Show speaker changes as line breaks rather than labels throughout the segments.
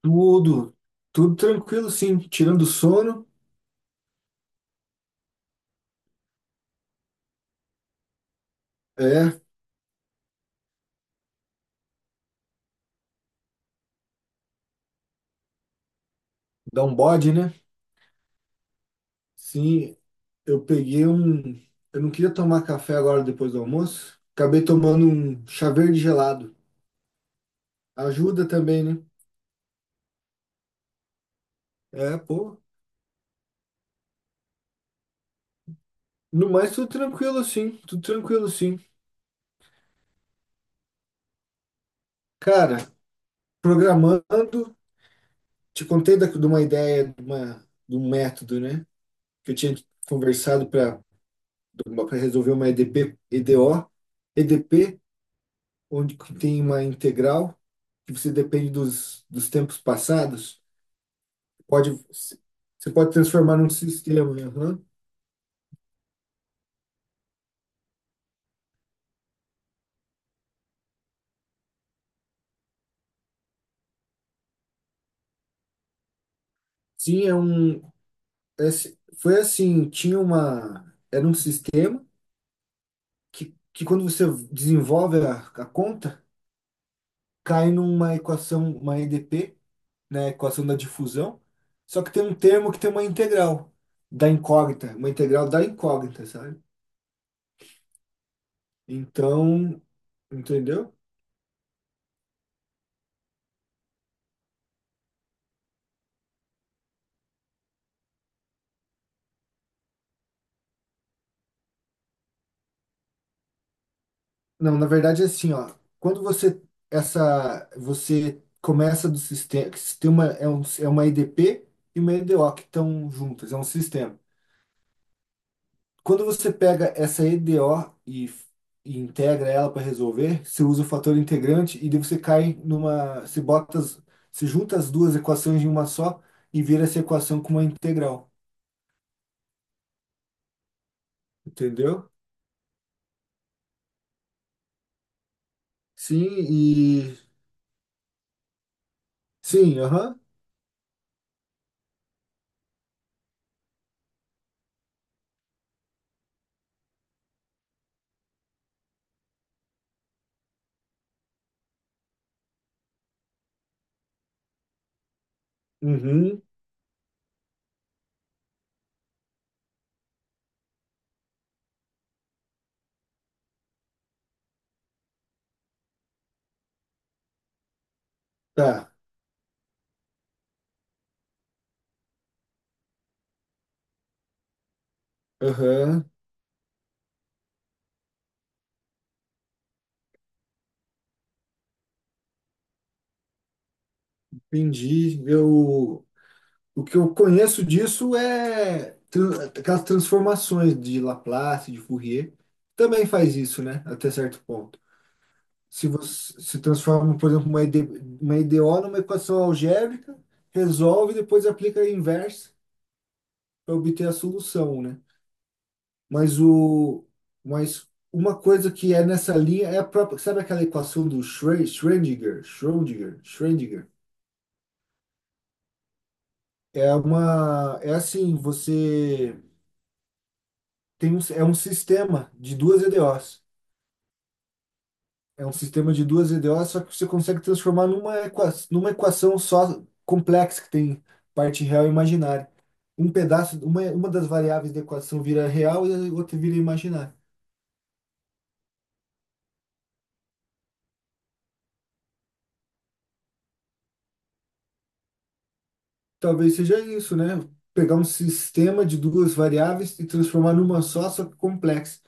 Tudo, tudo tranquilo, sim. Tirando o sono, é, dá um bode, né? Sim, eu peguei um. Eu não queria tomar café agora depois do almoço. Acabei tomando um chá verde gelado. Ajuda também, né? É, pô. No mais, tudo tranquilo, sim. Tudo tranquilo, sim. Cara, programando, te contei de uma ideia, de um método, né? Que eu tinha conversado para resolver uma EDP, EDO. EDP onde que tem uma integral que você depende dos tempos passados. Pode, você pode transformar num sistema, né? Aham. Sim, é um. Foi assim, tinha uma. Era um sistema que quando você desenvolve a conta, cai numa equação, uma EDP, né? Equação da difusão. Só que tem um termo que tem uma integral da incógnita, uma integral da incógnita, sabe? Então, entendeu? Não, na verdade é assim, ó. Quando você Essa você começa do sistema, que sistema é, um, é uma EDP e uma EDO que estão juntas, é um sistema. Quando você pega essa EDO e integra ela para resolver, você usa o fator integrante e daí você cai numa, você junta as duas equações em uma só e vira essa equação com uma integral, entendeu? Sim, e sim, aham. Uhum, tá. Aham, entendi. Eu O que eu conheço disso é aquelas transformações de Laplace, de Fourier, também faz isso, né? Até certo ponto. Se você se transforma, por exemplo, uma ED, uma EDO numa equação algébrica, resolve e depois aplica a inversa para obter a solução, né? Mas o mas uma coisa que é nessa linha é a própria, sabe aquela equação do Schrödinger? É uma É assim, você tem um, é um sistema de duas EDOs. É um sistema de duas EDOs, só que você consegue transformar numa equação só complexa, que tem parte real e imaginária. Um pedaço, uma das variáveis da equação vira real e a outra vira imaginária. Talvez seja isso, né? Pegar um sistema de duas variáveis e transformar numa só, só que complexa.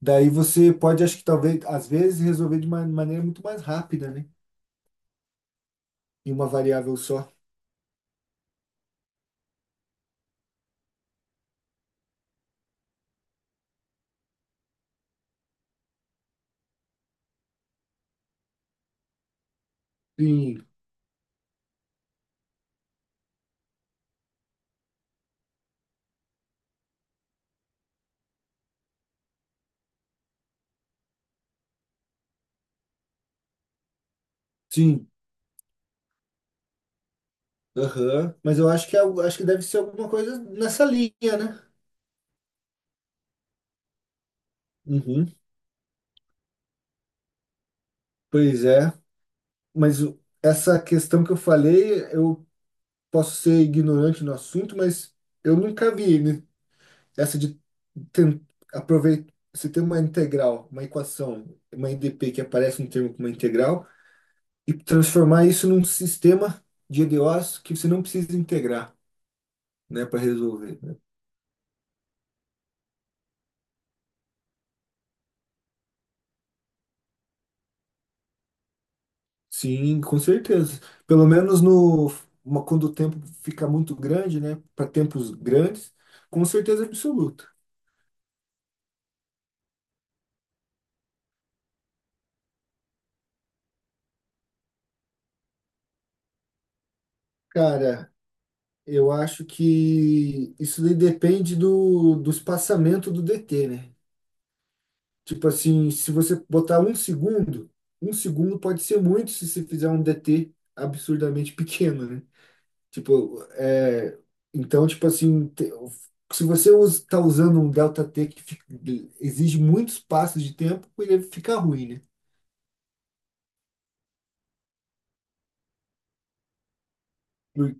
Daí você pode, acho que talvez, às vezes, resolver de uma maneira muito mais rápida, né? Em uma variável só. Sim, sim, aham. Mas eu acho que, é algo- Acho que deve ser alguma coisa nessa linha, né? Uhum. Pois é. Essa questão que eu falei, eu posso ser ignorante no assunto, mas eu nunca vi, né? Essa de ten- aproveitar. Você tem uma integral, uma equação, uma IDP que aparece um termo como uma integral, e transformar isso num sistema de EDOs que você não precisa integrar, né, para resolver. Sim, com certeza. Pelo menos no, quando o tempo fica muito grande, né? Para tempos grandes, com certeza absoluta. Cara, eu acho que isso daí depende do espaçamento do DT, né? Tipo assim, se você botar um segundo pode ser muito se você fizer um DT absurdamente pequeno, né? Tipo, é, então, tipo assim, se você está usando um delta T exige muitos passos de tempo, ele fica ruim, né? Por-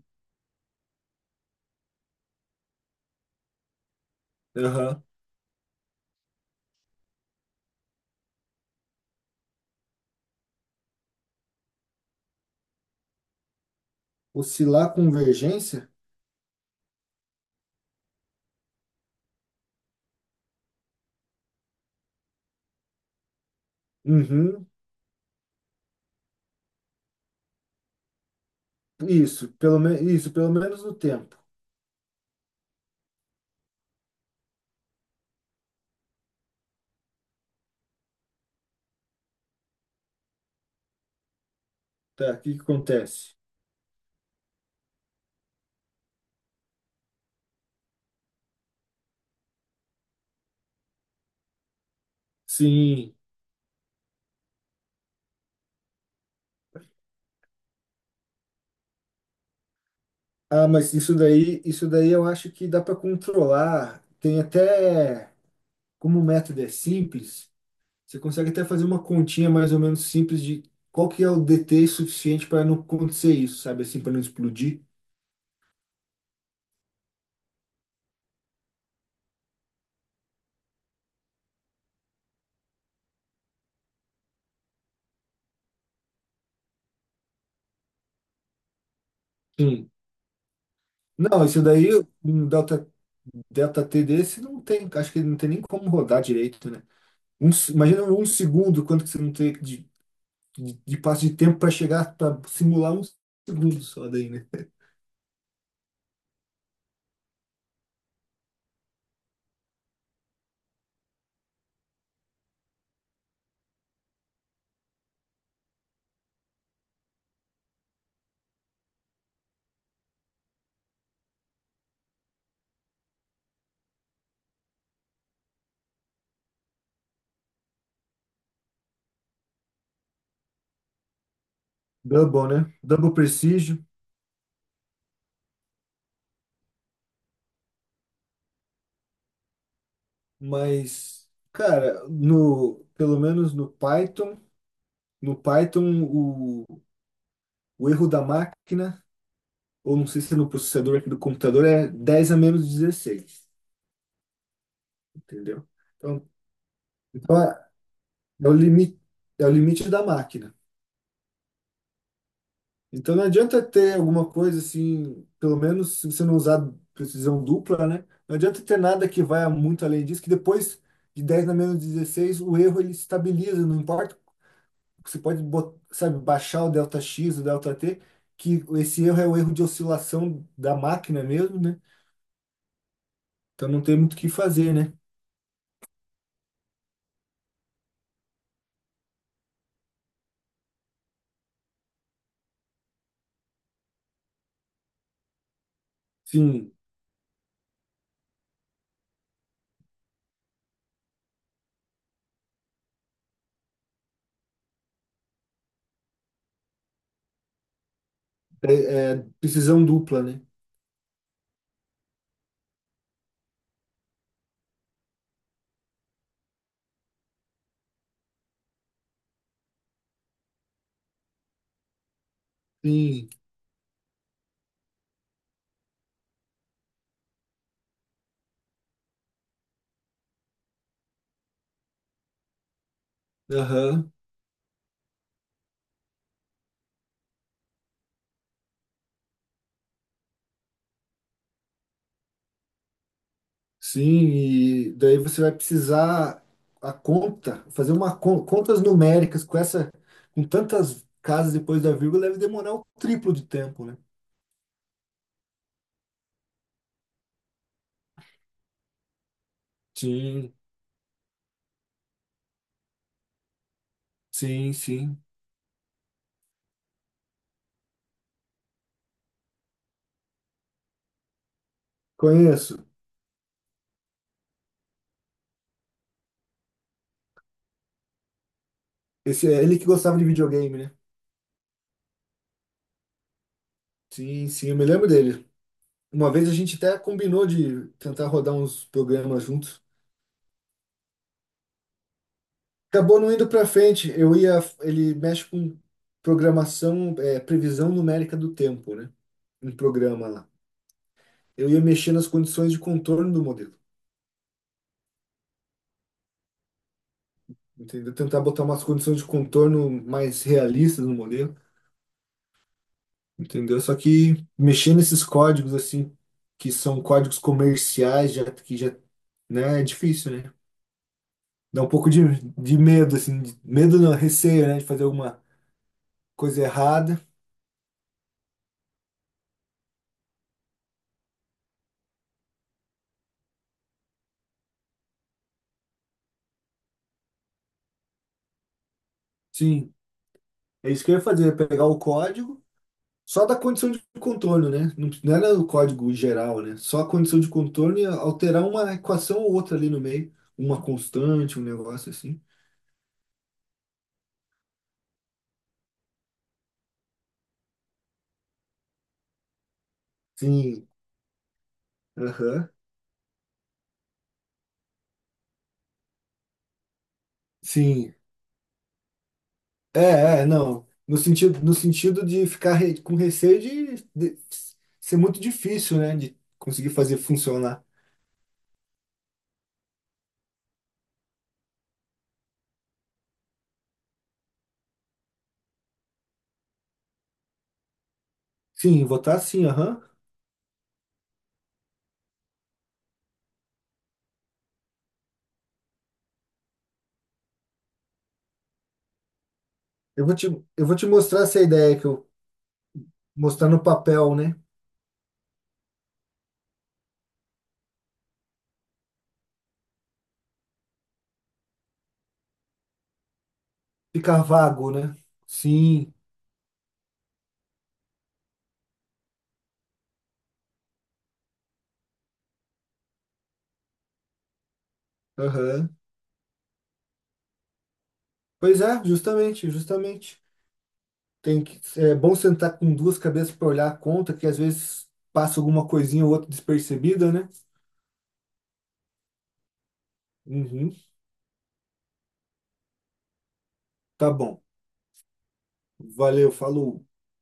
Aham. Oscilar a convergência? Uhum, isso, pelo menos no tempo. Tá, o que que acontece? Sim. Ah, mas isso daí eu acho que dá para controlar. Tem até, como o método é simples, você consegue até fazer uma continha mais ou menos simples de qual que é o DT suficiente para não acontecer isso, sabe? Assim, para não explodir. Sim. Não, isso daí, um delta, delta T desse não tem, acho que não tem nem como rodar direito, né? Imagina um segundo, quanto que você não tem de, de passo de tempo para chegar, para simular um segundo só daí, né? Double, né? Double precision, mas, cara, pelo menos no Python, no Python, o, o erro da máquina ou não sei se é no processador aqui do computador, é 10 a menos 16 entendeu? Então, então é o limite, é o limite da máquina. Então não adianta ter alguma coisa assim, pelo menos se você não usar precisão dupla, né? Não adianta ter nada que vá muito além disso, que depois de 10 na menos 16 o erro ele estabiliza, não importa. Você pode, sabe, baixar o delta X, o delta T, que esse erro é o erro de oscilação da máquina mesmo, né? Então não tem muito o que fazer, né? Sim, é precisão dupla, né? Sim, aham. Sim, e daí você vai precisar fazer uma contas numéricas com essa, com tantas casas depois da vírgula deve demorar o triplo de tempo, né? Sim, sim, sim. Conheço. Esse é ele que gostava de videogame, né? Sim, sim, eu me lembro dele. Uma vez a gente até combinou de tentar rodar uns programas juntos. Acabou não indo para frente. Eu ia, ele mexe com programação, previsão numérica do tempo, né? Um programa lá. Eu ia mexer nas condições de contorno do modelo, entendeu? Tentar botar umas condições de contorno mais realistas no modelo, entendeu? Só que mexer nesses códigos assim, que são códigos comerciais, já que já, né, é difícil, né? Dá um pouco de medo assim, medo não, receio, né, de fazer alguma coisa errada. Sim, é isso que eu ia fazer, pegar o código só da condição de contorno, né? Não, não era o código geral, né? Só a condição de contorno e alterar uma equação ou outra ali no meio. Uma constante, um negócio assim. Sim. Aham. Sim. Não. No sentido, de ficar com receio de ser muito difícil, né? De conseguir fazer funcionar. Sim, votar sim, aham. Eu vou te, eu vou te mostrar essa ideia que eu mostrar no papel, né? Ficar vago, né? Sim, aham. Pois é, justamente, justamente. Tem que, é bom sentar com duas cabeças para olhar a conta, que às vezes passa alguma coisinha ou outra despercebida, né? Uhum, tá bom. Valeu, falou.